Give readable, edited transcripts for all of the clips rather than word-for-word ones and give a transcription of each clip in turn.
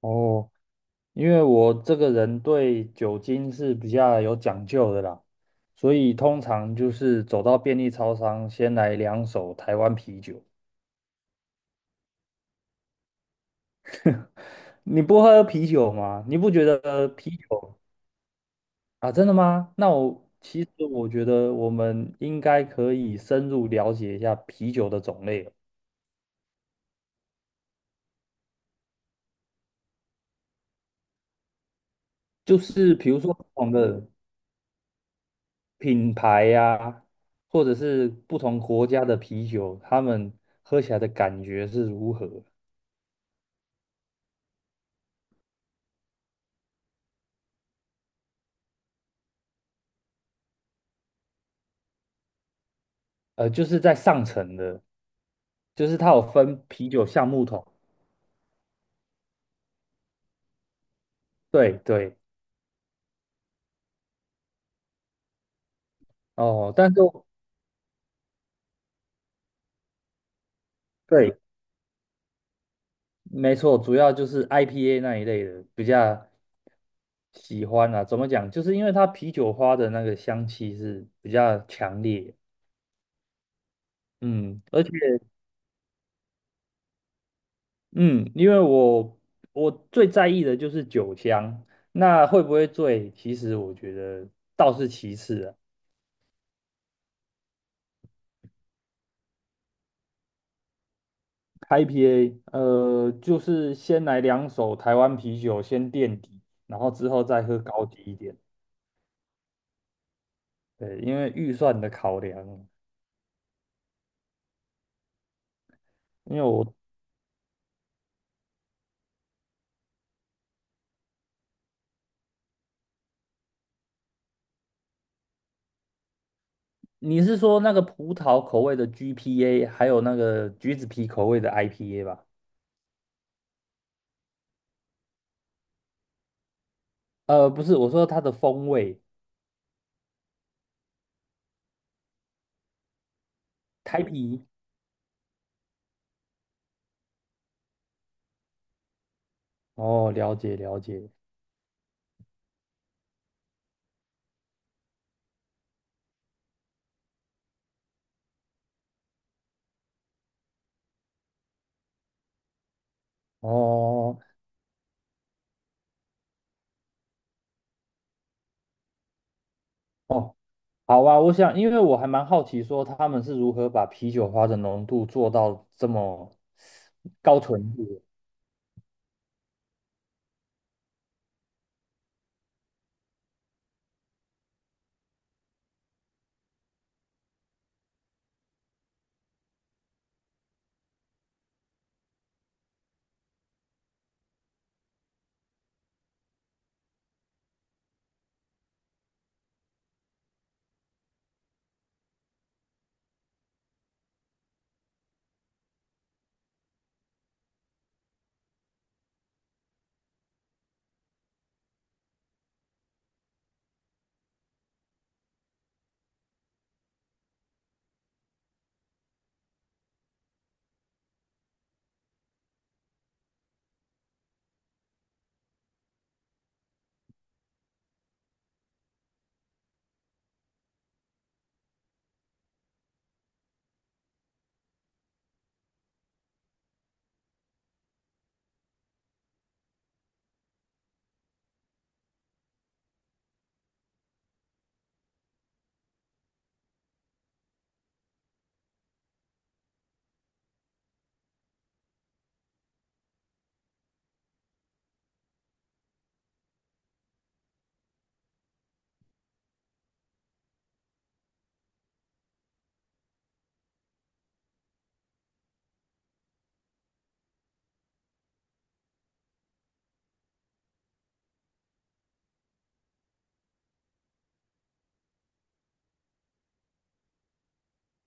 哦，因为我这个人对酒精是比较有讲究的啦，所以通常就是走到便利超商，先来两手台湾啤酒。你不喝啤酒吗？你不觉得啤酒啊，真的吗？那我其实我觉得我们应该可以深入了解一下啤酒的种类，就是比如说不同的品牌呀、或者是不同国家的啤酒，他们喝起来的感觉是如何。就是在上层的，就是它有分啤酒橡木桶，对对，哦，但是对，没错，主要就是 IPA 那一类的比较喜欢啊。怎么讲？就是因为它啤酒花的那个香气是比较强烈，嗯，而且嗯，因为我最在意的就是酒香，那会不会醉，其实我觉得倒是其次啊。IPA，就是先来两手台湾啤酒先垫底，然后之后再喝高级一点。对，因为预算的考量，因为我你是说那个葡萄口味的 GPA，还有那个橘子皮口味的 IPA 吧？不是，我说它的风味，台啤。哦，了解了解。哦哦，好啊，我想，因为我还蛮好奇，说他们是如何把啤酒花的浓度做到这么高纯度的。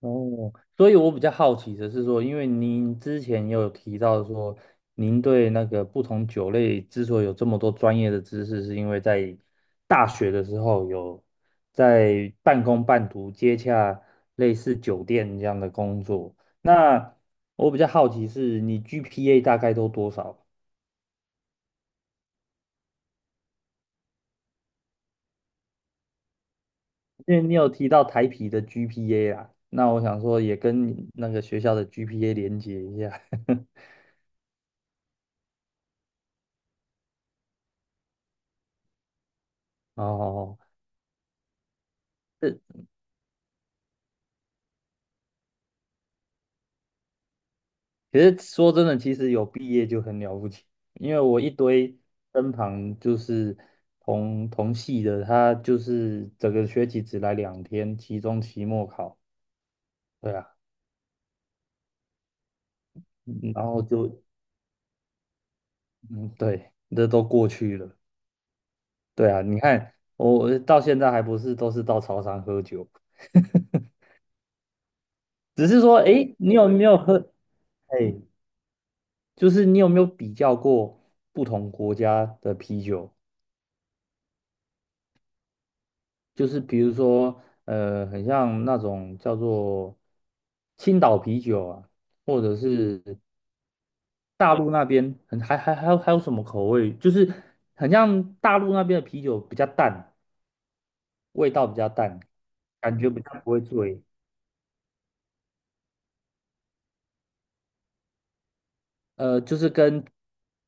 哦，所以我比较好奇的是说，因为您之前也有提到说，您对那个不同酒类之所以有这么多专业的知识，是因为在大学的时候有在半工半读接洽类似酒店这样的工作。那我比较好奇是你 GPA 大概都多少？因为你有提到台啤的 GPA 啊，那我想说也跟你那个学校的 GPA 连接一下。哦，其实说真的，其实有毕业就很了不起，因为我一堆身旁就是同系的，他就是整个学期只来2天，期中、期末考，对啊，嗯然后就嗯，对，这都过去了，对啊，你看我到现在还不是都是到超商喝酒，只是说，诶，你有没有喝？哎，就是你有没有比较过不同国家的啤酒？就是比如说，很像那种叫做青岛啤酒啊，或者是大陆那边很还有什么口味，就是很像大陆那边的啤酒比较淡，味道比较淡，感觉比较不会醉。就是跟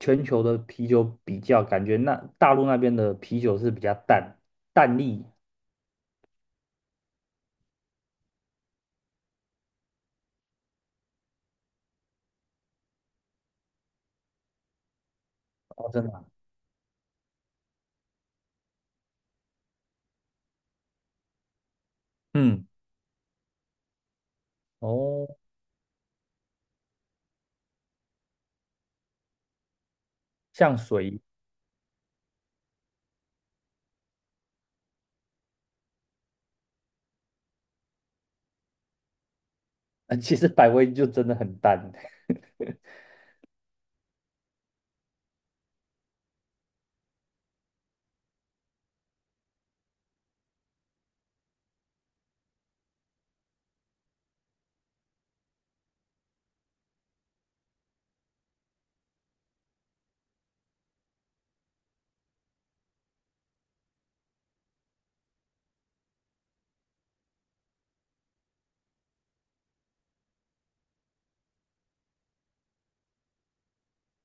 全球的啤酒比较，感觉那大陆那边的啤酒是比较淡，淡丽哦，真的啊嗯，哦，像水，其实百威就真的很淡。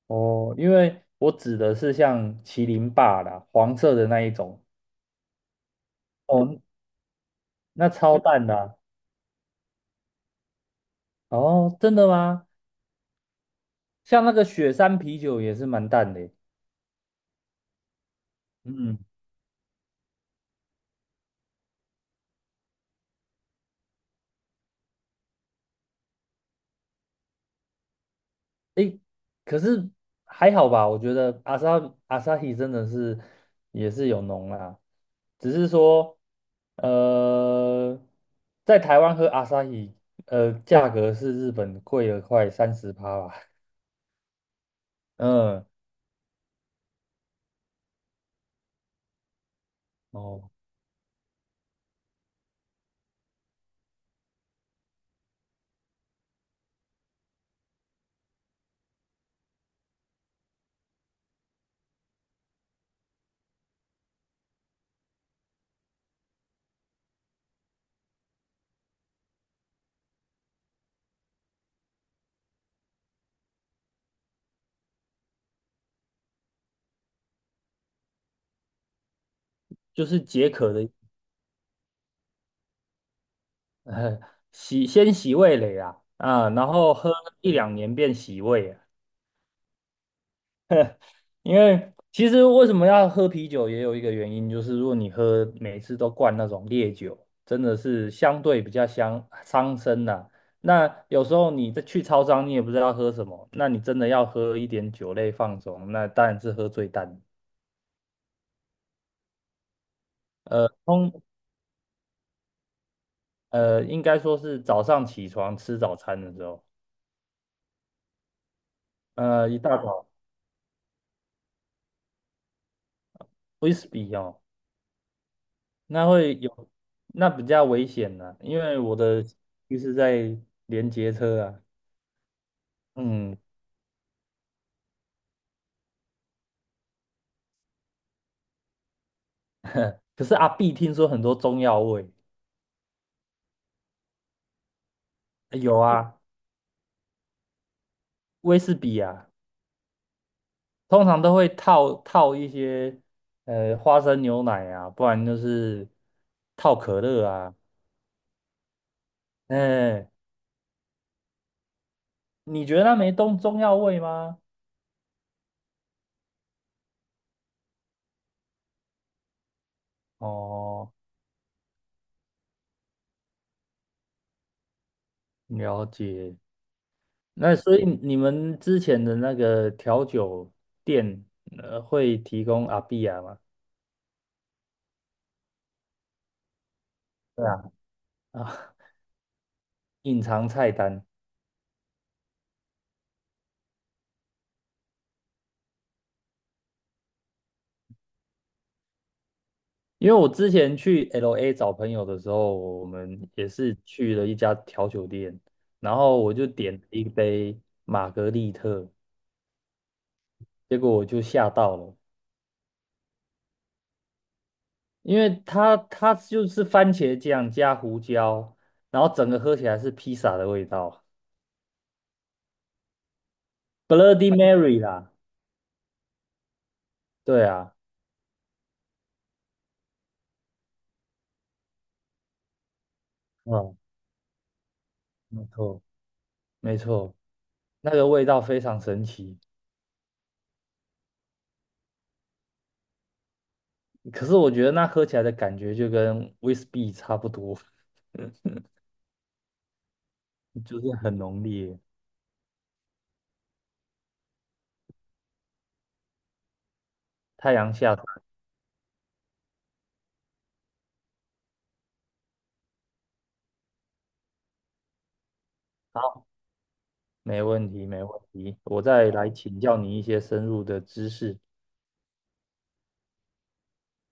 哦，因为我指的是像麒麟霸啦，黄色的那一种。哦，那超淡的啊哦，真的吗？像那个雪山啤酒也是蛮淡的耶嗯，诶，可是还好吧，我觉得阿萨希真的是也是有浓啦，只是说，呃，在台湾喝阿萨希，价格是日本贵了快30趴吧。嗯，哦，就是解渴的。呃，先洗味蕾啊，啊，然后喝一两年变洗胃啊。因为其实为什么要喝啤酒，也有一个原因，就是如果你喝每次都灌那种烈酒，真的是相对比较伤身呐、那有时候你再去超商，你也不知道喝什么，那你真的要喝一点酒类放松，那当然是喝最淡。呃，通应该说是早上起床吃早餐的时候，一大早 whisky 哦。那会有，那比较危险呢、因为我的就是在连接车啊，嗯，可是阿碧听说很多中药味，有啊，威士忌啊，通常都会套一些花生牛奶啊，不然就是套可乐啊，哎、你觉得那没中药味吗？哦，了解。那所以你们之前的那个调酒店，会提供阿碧亚吗？对啊啊，隐藏菜单。因为我之前去 LA 找朋友的时候，我们也是去了一家调酒店，然后我就点了一杯玛格丽特，结果我就吓到了，因为它就是番茄酱加胡椒，然后整个喝起来是披萨的味道，Bloody Mary 啦，对啊，嗯，没错没错，那个味道非常神奇，可是我觉得那喝起来的感觉就跟 Whisby 差不多。就是很浓烈。太阳下山，好，没问题，没问题。我再来请教你一些深入的知识。